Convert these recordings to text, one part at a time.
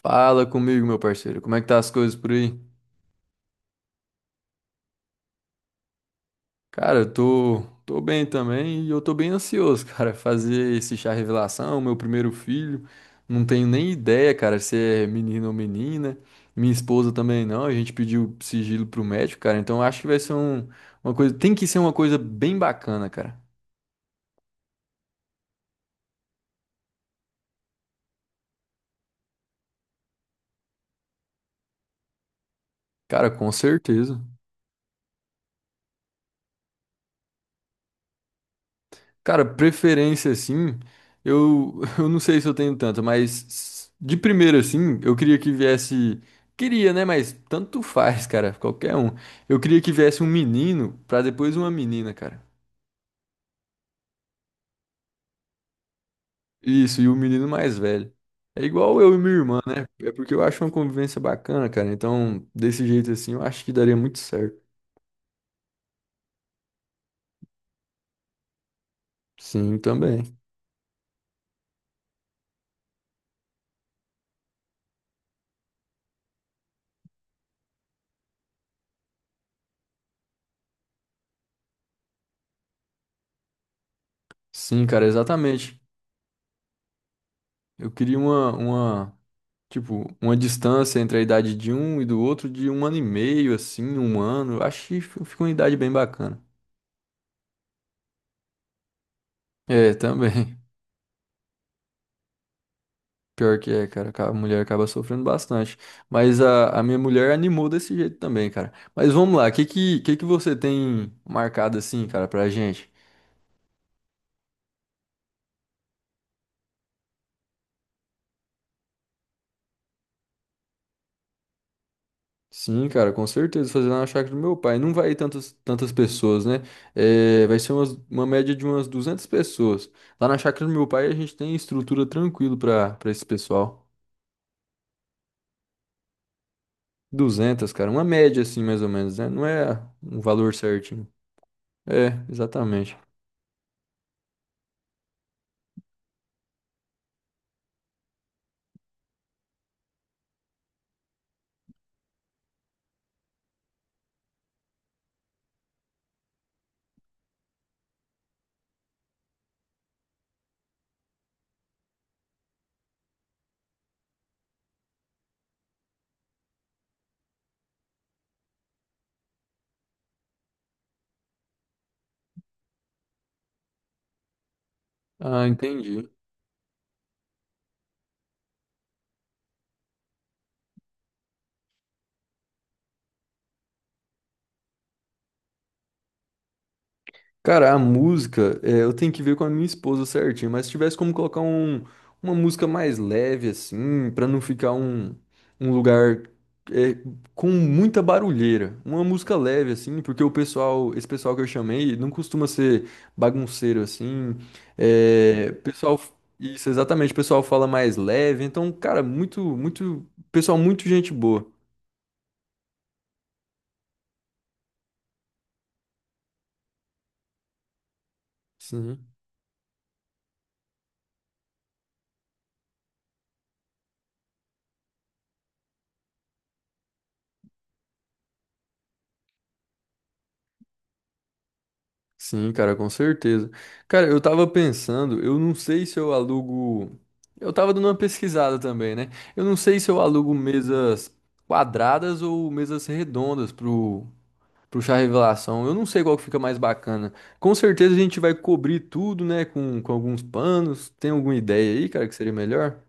Fala comigo, meu parceiro. Como é que tá as coisas por aí? Cara, eu tô bem também e eu tô bem ansioso, cara. Fazer esse chá revelação, meu primeiro filho. Não tenho nem ideia, cara, se é menino ou menina. Minha esposa também não. A gente pediu sigilo pro médico, cara. Então eu acho que vai ser uma coisa. Tem que ser uma coisa bem bacana, cara. Cara, com certeza. Cara, preferência assim, eu, eu não sei se eu tenho tanta, mas de primeira assim, eu queria que viesse. Queria, né? Mas tanto faz, cara, qualquer um. Eu queria que viesse um menino pra depois uma menina, cara. Isso, e o menino mais velho. É igual eu e minha irmã, né? É porque eu acho uma convivência bacana, cara. Então, desse jeito assim, eu acho que daria muito certo. Sim, também. Sim, cara, exatamente. Eu queria uma tipo, uma distância entre a idade de um e do outro de um ano e meio, assim, um ano. Acho que fica uma idade bem bacana. É, também. Pior que é, cara. A mulher acaba sofrendo bastante. Mas a minha mulher animou desse jeito também, cara. Mas vamos lá, o que que você tem marcado assim, cara, pra gente? Sim, cara, com certeza. Fazer lá na chácara do meu pai. Não vai ir tantas, tantas pessoas, né? É, vai ser uma média de umas 200 pessoas. Lá na chácara do meu pai a gente tem estrutura tranquilo pra esse pessoal. Duzentas, cara, uma média assim, mais ou menos, né? Não é um valor certinho. É, exatamente. Ah, entendi. Cara, a música, é, eu tenho que ver com a minha esposa certinho, mas se tivesse como colocar uma música mais leve, assim, pra não ficar um lugar é, com muita barulheira. Uma música leve, assim, porque o pessoal, esse pessoal que eu chamei, não costuma ser bagunceiro, assim. É, pessoal, isso, exatamente, o pessoal fala mais leve, então, cara, muito, muito, pessoal, muito gente boa. Sim. Sim, cara, com certeza. Cara, eu tava pensando, eu não sei se eu alugo. Eu tava dando uma pesquisada também, né? Eu não sei se eu alugo mesas quadradas ou mesas redondas pro chá revelação. Eu não sei qual que fica mais bacana. Com certeza a gente vai cobrir tudo, né? Com alguns panos. Tem alguma ideia aí, cara, que seria melhor?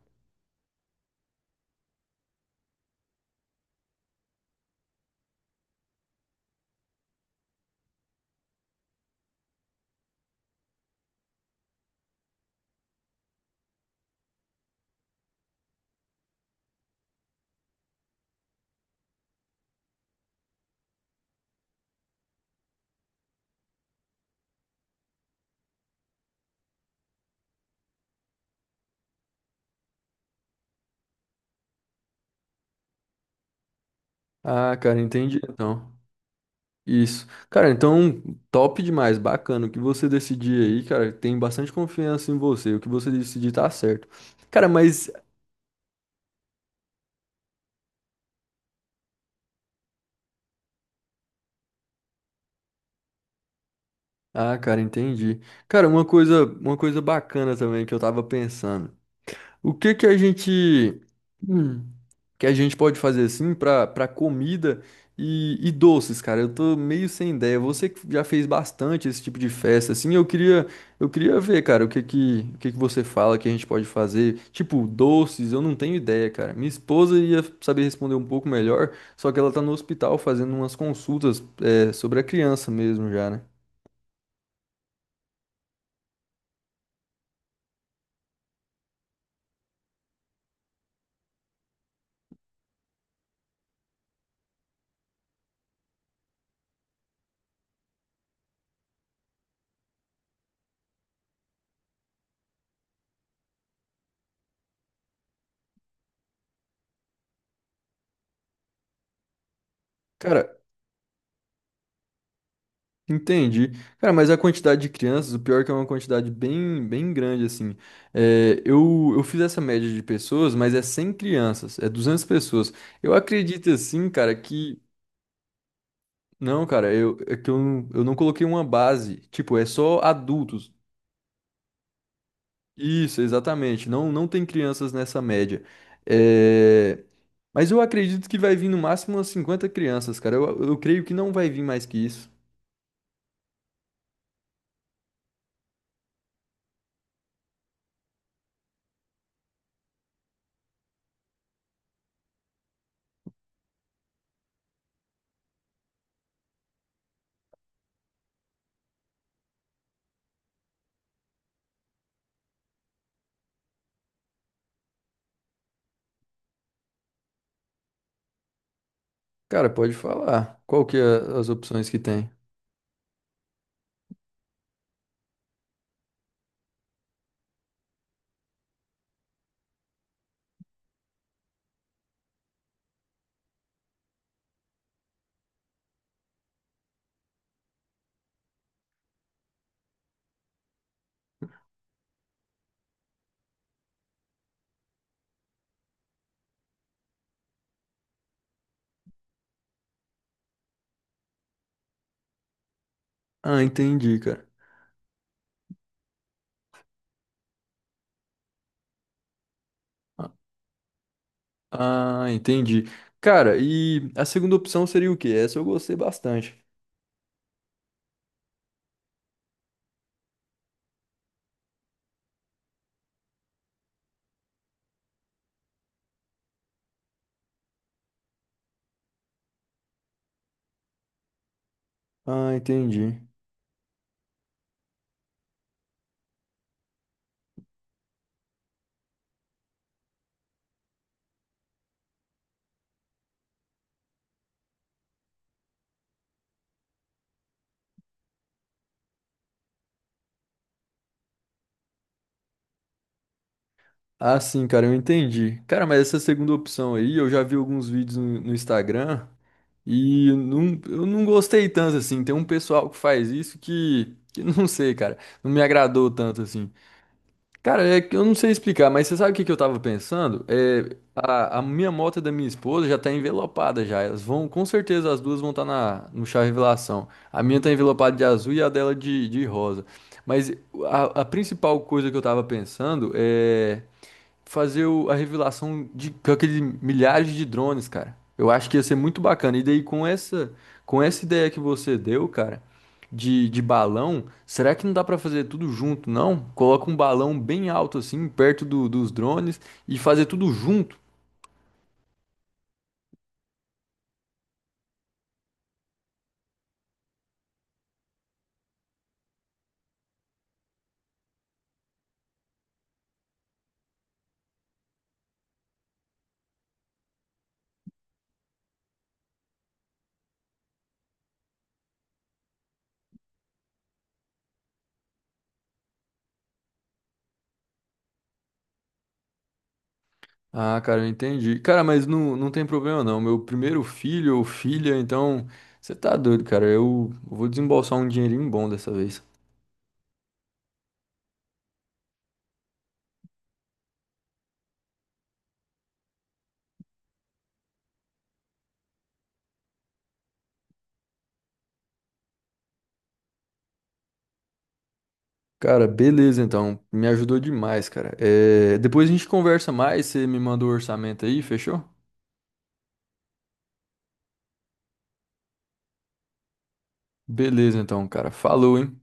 Ah, cara, entendi então. Isso. Cara, então, top demais, bacana. O que você decidir aí, cara, tem bastante confiança em você. O que você decidir tá certo. Cara, mas. Ah, cara, entendi. Cara, uma coisa bacana também que eu tava pensando. O que que a gente. Que a gente pode fazer assim para comida e doces, cara. Eu tô meio sem ideia. Você que já fez bastante esse tipo de festa, assim, eu queria ver, cara, o que que você fala que a gente pode fazer? Tipo, doces, eu não tenho ideia, cara. Minha esposa ia saber responder um pouco melhor, só que ela tá no hospital fazendo umas consultas sobre a criança mesmo já, né? Cara, entendi. Cara, mas a quantidade de crianças, o pior é que é uma quantidade bem, bem grande, assim. É, eu fiz essa média de pessoas, mas é 100 crianças, é 200 pessoas. Eu acredito, assim, cara, que... Não, cara, é que eu não coloquei uma base. Tipo, é só adultos. Isso, exatamente. Não, não tem crianças nessa média. É... Mas eu acredito que vai vir no máximo umas 50 crianças, cara. Eu creio que não vai vir mais que isso. Cara, pode falar. Qual que é as opções que tem? Ah, entendi, cara. Ah, ah, entendi. Cara, e a segunda opção seria o quê? Essa eu gostei bastante. Ah, entendi. Ah, sim, cara, eu entendi. Cara, mas essa segunda opção aí, eu já vi alguns vídeos no Instagram e não, eu não gostei tanto assim. Tem um pessoal que faz isso que não sei, cara, não me agradou tanto assim. Cara, é que eu não sei explicar, mas você sabe o que que eu tava pensando? É, a minha moto e da minha esposa já tá envelopada já. Elas vão, com certeza as duas vão estar na no chá revelação. A minha tá envelopada de azul e a dela de rosa. Mas a principal coisa que eu tava pensando é fazer a revelação de com aqueles milhares de drones, cara. Eu acho que ia ser muito bacana. E daí com essa ideia que você deu, cara, de balão, será que não dá pra fazer tudo junto, não? Coloca um balão bem alto assim, perto dos drones e fazer tudo junto. Ah, cara, eu entendi. Cara, mas não, não tem problema não. Meu primeiro filho ou filha, então você tá doido, cara. Eu vou desembolsar um dinheirinho bom dessa vez. Cara, beleza então. Me ajudou demais, cara. É, depois a gente conversa mais, você me manda o orçamento aí, fechou? Beleza então, cara. Falou, hein?